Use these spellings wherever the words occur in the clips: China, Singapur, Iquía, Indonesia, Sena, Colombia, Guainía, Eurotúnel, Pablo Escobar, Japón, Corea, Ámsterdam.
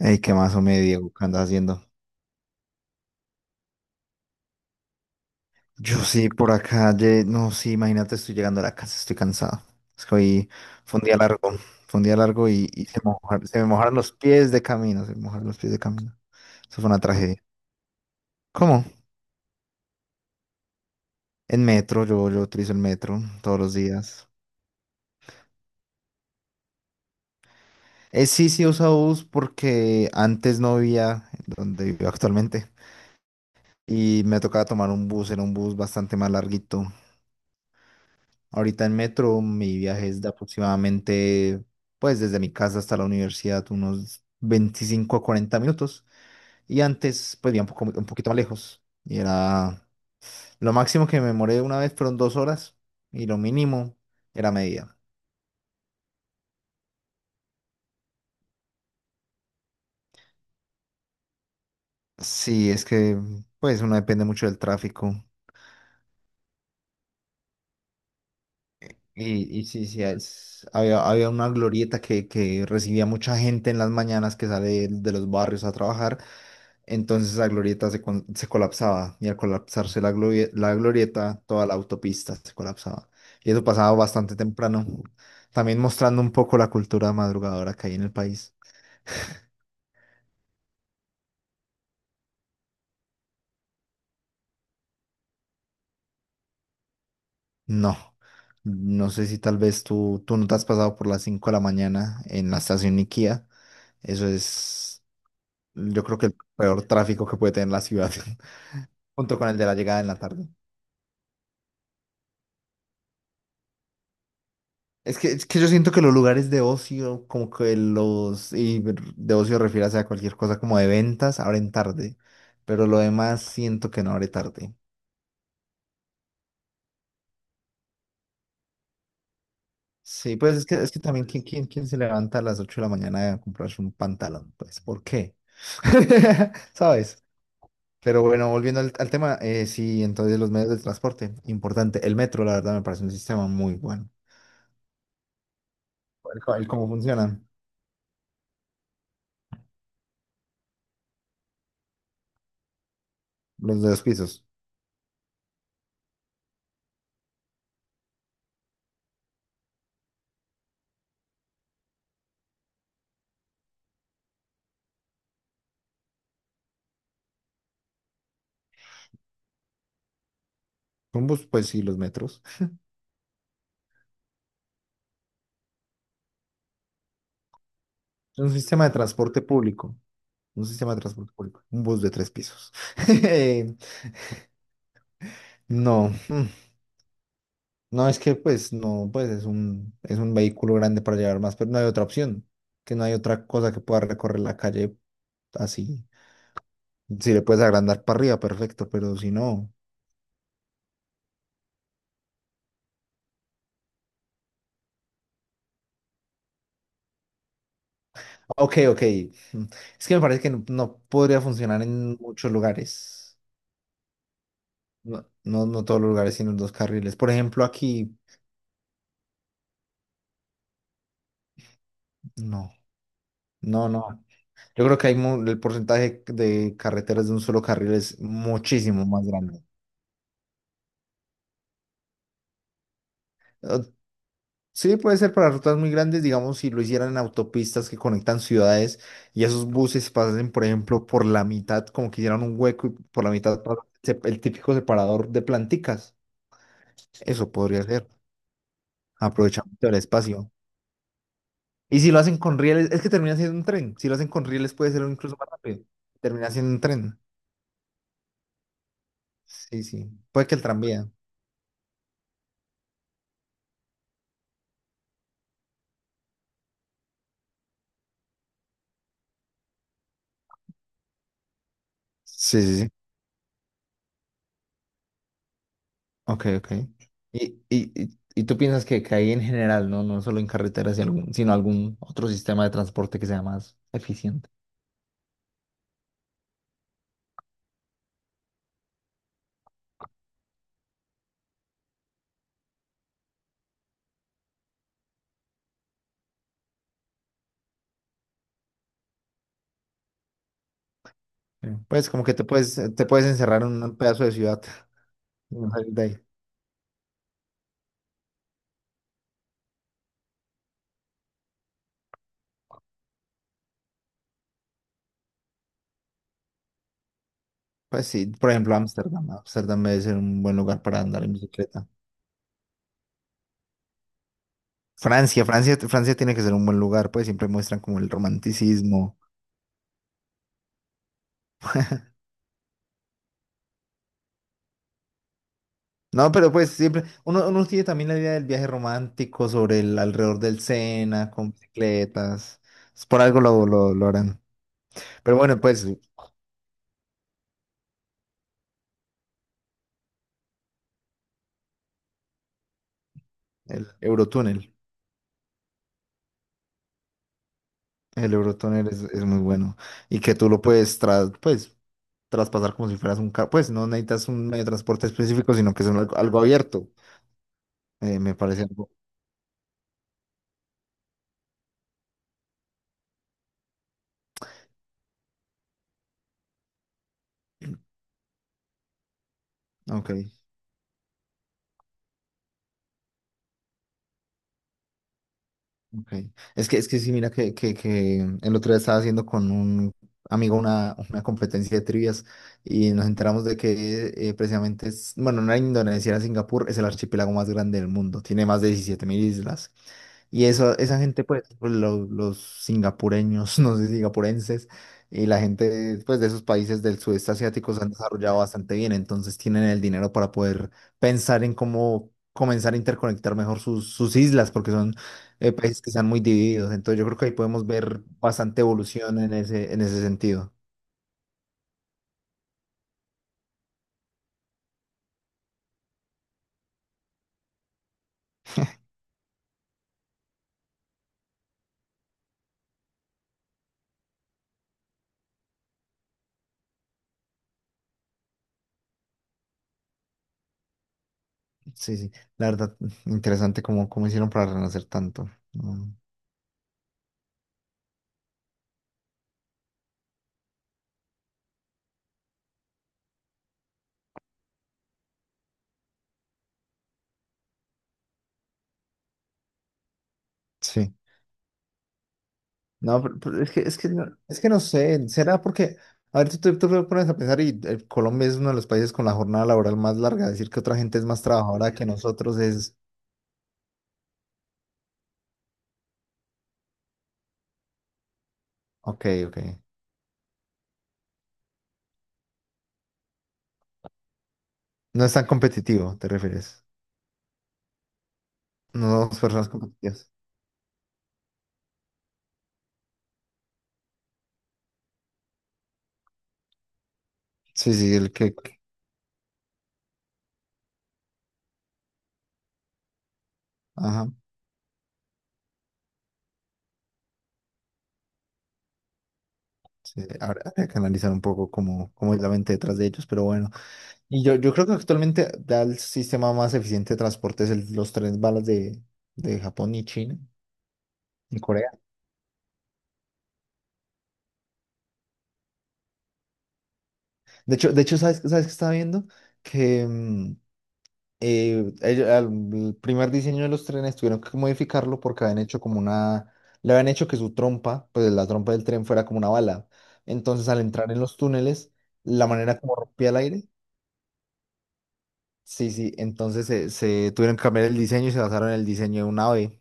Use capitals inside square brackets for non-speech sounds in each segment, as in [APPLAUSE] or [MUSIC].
Ey, ¿qué más, me Diego? ¿Qué andas haciendo? Yo sí, por acá, no, sí, imagínate, estoy llegando a la casa, estoy cansado. Es que hoy fue un día largo, y se me mojaron los pies de camino, se me mojaron los pies de camino. Eso fue una tragedia. ¿Cómo? En metro, yo utilizo el metro todos los días. Sí, sí uso bus porque antes no vivía donde vivo actualmente y me tocaba tomar un bus, era un bus bastante más larguito. Ahorita en metro mi viaje es de aproximadamente, pues desde mi casa hasta la universidad, unos 25 a 40 minutos. Y antes, pues vivía un poco, un poquito más lejos. Y era, lo máximo que me demoré una vez fueron 2 horas y lo mínimo era media. Sí, es que, pues uno depende mucho del tráfico. Y sí, sí, había una glorieta que recibía mucha gente en las mañanas que sale de los barrios a trabajar. Entonces la glorieta se colapsaba y al colapsarse la glorieta, toda la autopista se colapsaba. Y eso pasaba bastante temprano, también mostrando un poco la cultura madrugadora que hay en el país. No, no sé si tal vez tú no te has pasado por las 5 de la mañana en la estación Iquía. Eso es, yo creo que el peor tráfico que puede tener la ciudad, [LAUGHS] junto con el de la llegada en la tarde. Es que yo siento que los lugares de ocio, como que los, y de ocio refiérase a cualquier cosa como de ventas, abren tarde, pero lo demás siento que no abre tarde. Sí, pues es que también, ¿quién se levanta a las 8 de la mañana a comprarse un pantalón? Pues, ¿por qué? [LAUGHS] ¿Sabes? Pero bueno, volviendo al tema, sí, entonces los medios de transporte, importante. El metro, la verdad, me parece un sistema muy bueno. El cómo funcionan los de los pisos. Son bus, pues sí, los metros. Es un sistema de transporte público. Un sistema de transporte público. Un bus de tres pisos. [LAUGHS] Eh, No. No, es que pues no, pues es un vehículo grande para llevar más, pero no hay otra opción. Que no hay otra cosa que pueda recorrer la calle así. Si le puedes agrandar para arriba, perfecto, pero si no. Ok, ok. mm, Es que me parece que no podría funcionar en muchos lugares. No, no, no todos los lugares tienen dos carriles. Por ejemplo, aquí, no, no, no. Yo creo que hay el porcentaje de carreteras de un solo carril es muchísimo más grande. Eh, Sí, puede ser para rutas muy grandes, digamos, si lo hicieran en autopistas que conectan ciudades y esos buses pasen, por ejemplo, por la mitad, como que hicieran un hueco y por la mitad pasa el típico separador de planticas. Eso podría ser, aprovechamiento del espacio. Y si lo hacen con rieles, es que termina siendo un tren. Si lo hacen con rieles puede ser incluso más rápido. Termina siendo un tren. Sí, sí. Puede que el tranvía. Sí, sí, sí. Ok, ok. Y tú piensas que ahí en general, ¿no? No solo en carreteras, y sino algún otro sistema de transporte que sea más eficiente. Sí. Pues como que te puedes encerrar en un pedazo de ciudad [LAUGHS] y no salir de ahí. Pues sí, por ejemplo, Ámsterdam. Ámsterdam debe ser un buen lugar para andar en bicicleta. Francia tiene que ser un buen lugar, pues siempre muestran como el romanticismo. No, pero pues siempre, uno tiene también la idea del viaje romántico sobre el alrededor del Sena, con bicicletas. Pues por algo lo harán. Pero bueno, pues el Eurotúnel es muy bueno y que tú lo puedes, pues, traspasar como si fueras un carro, pues no necesitas un medio de transporte específico, sino que es un algo abierto. Me parece algo, ok, ok. Es que sí, mira que el otro día estaba haciendo con un amigo una competencia de trivias y nos enteramos de que precisamente es, bueno, no era Indonesia, era Singapur, es el archipiélago más grande del mundo, tiene más de 17.000 islas. Y eso, esa gente, pues, los, singapureños, [LAUGHS] no sé, singapurenses, y la gente, pues, de esos países del sudeste asiático se han desarrollado bastante bien, entonces tienen el dinero para poder pensar en cómo comenzar a interconectar mejor sus islas, porque son países que están muy divididos, entonces yo creo que ahí podemos ver bastante evolución en ese sentido. Sí, sí, la verdad, interesante cómo hicieron para renacer tanto. Mm. Sí. No, pero es que no sé, será porque, a ver, tú te pones a pensar y Colombia es uno de los países con la jornada laboral más larga, decir que otra gente es más trabajadora que nosotros es, ok, ok, no es tan competitivo, ¿te refieres? No somos personas competitivas. Sí, sí, el que, ajá, sí, habrá que analizar un poco cómo es la mente detrás de ellos, pero bueno, y yo creo que actualmente da el sistema más eficiente de transporte es los trenes balas de Japón y China y Corea. De hecho, ¿Sabes qué estaba viendo? Que eh, ello- al- el primer diseño de los trenes tuvieron que modificarlo porque habían hecho como una... Le habían hecho que su trompa, pues la trompa del tren fuera como una bala. Entonces, al entrar en los túneles, la manera como rompía el aire, sí, sí, entonces se tuvieron que cambiar el diseño y se basaron en el diseño de un ave,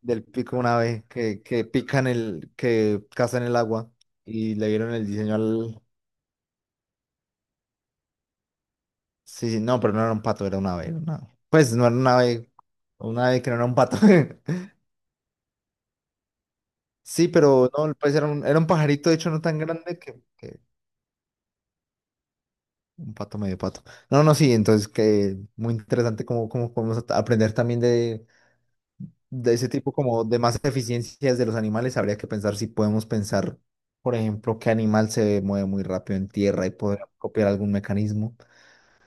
del pico de un ave que pica que caza en el agua y le dieron el diseño. Sí, sí, no, pero no era un pato, era un ave. Pues no era un ave que no era un pato. [LAUGHS] Sí, pero no, pues era un pajarito, de hecho, no tan grande que un pato medio pato. No, no, sí, entonces que muy interesante cómo podemos aprender también de ese tipo como de más eficiencias de los animales. Habría que pensar si podemos pensar, por ejemplo, qué animal se mueve muy rápido en tierra y poder copiar algún mecanismo.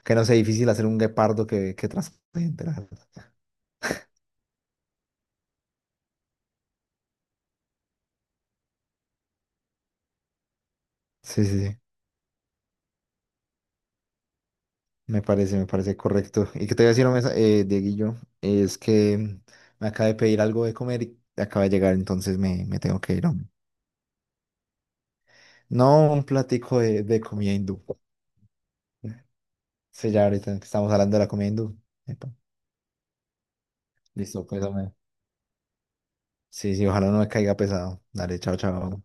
Que no sea difícil hacer un guepardo que transporte gente, la verdad. Sí, sí, sí. Me parece correcto. Y que te voy a decir, hombre, Dieguillo, es que me acabé de pedir algo de comer y acaba de llegar, entonces me tengo que ir, hombre. No un platico de comida hindú. Sí, ya ahorita que estamos hablando de la comida hindú. Epa. Listo, pues, hombre. Sí, sí, ojalá no me caiga pesado. Dale, chao, chao.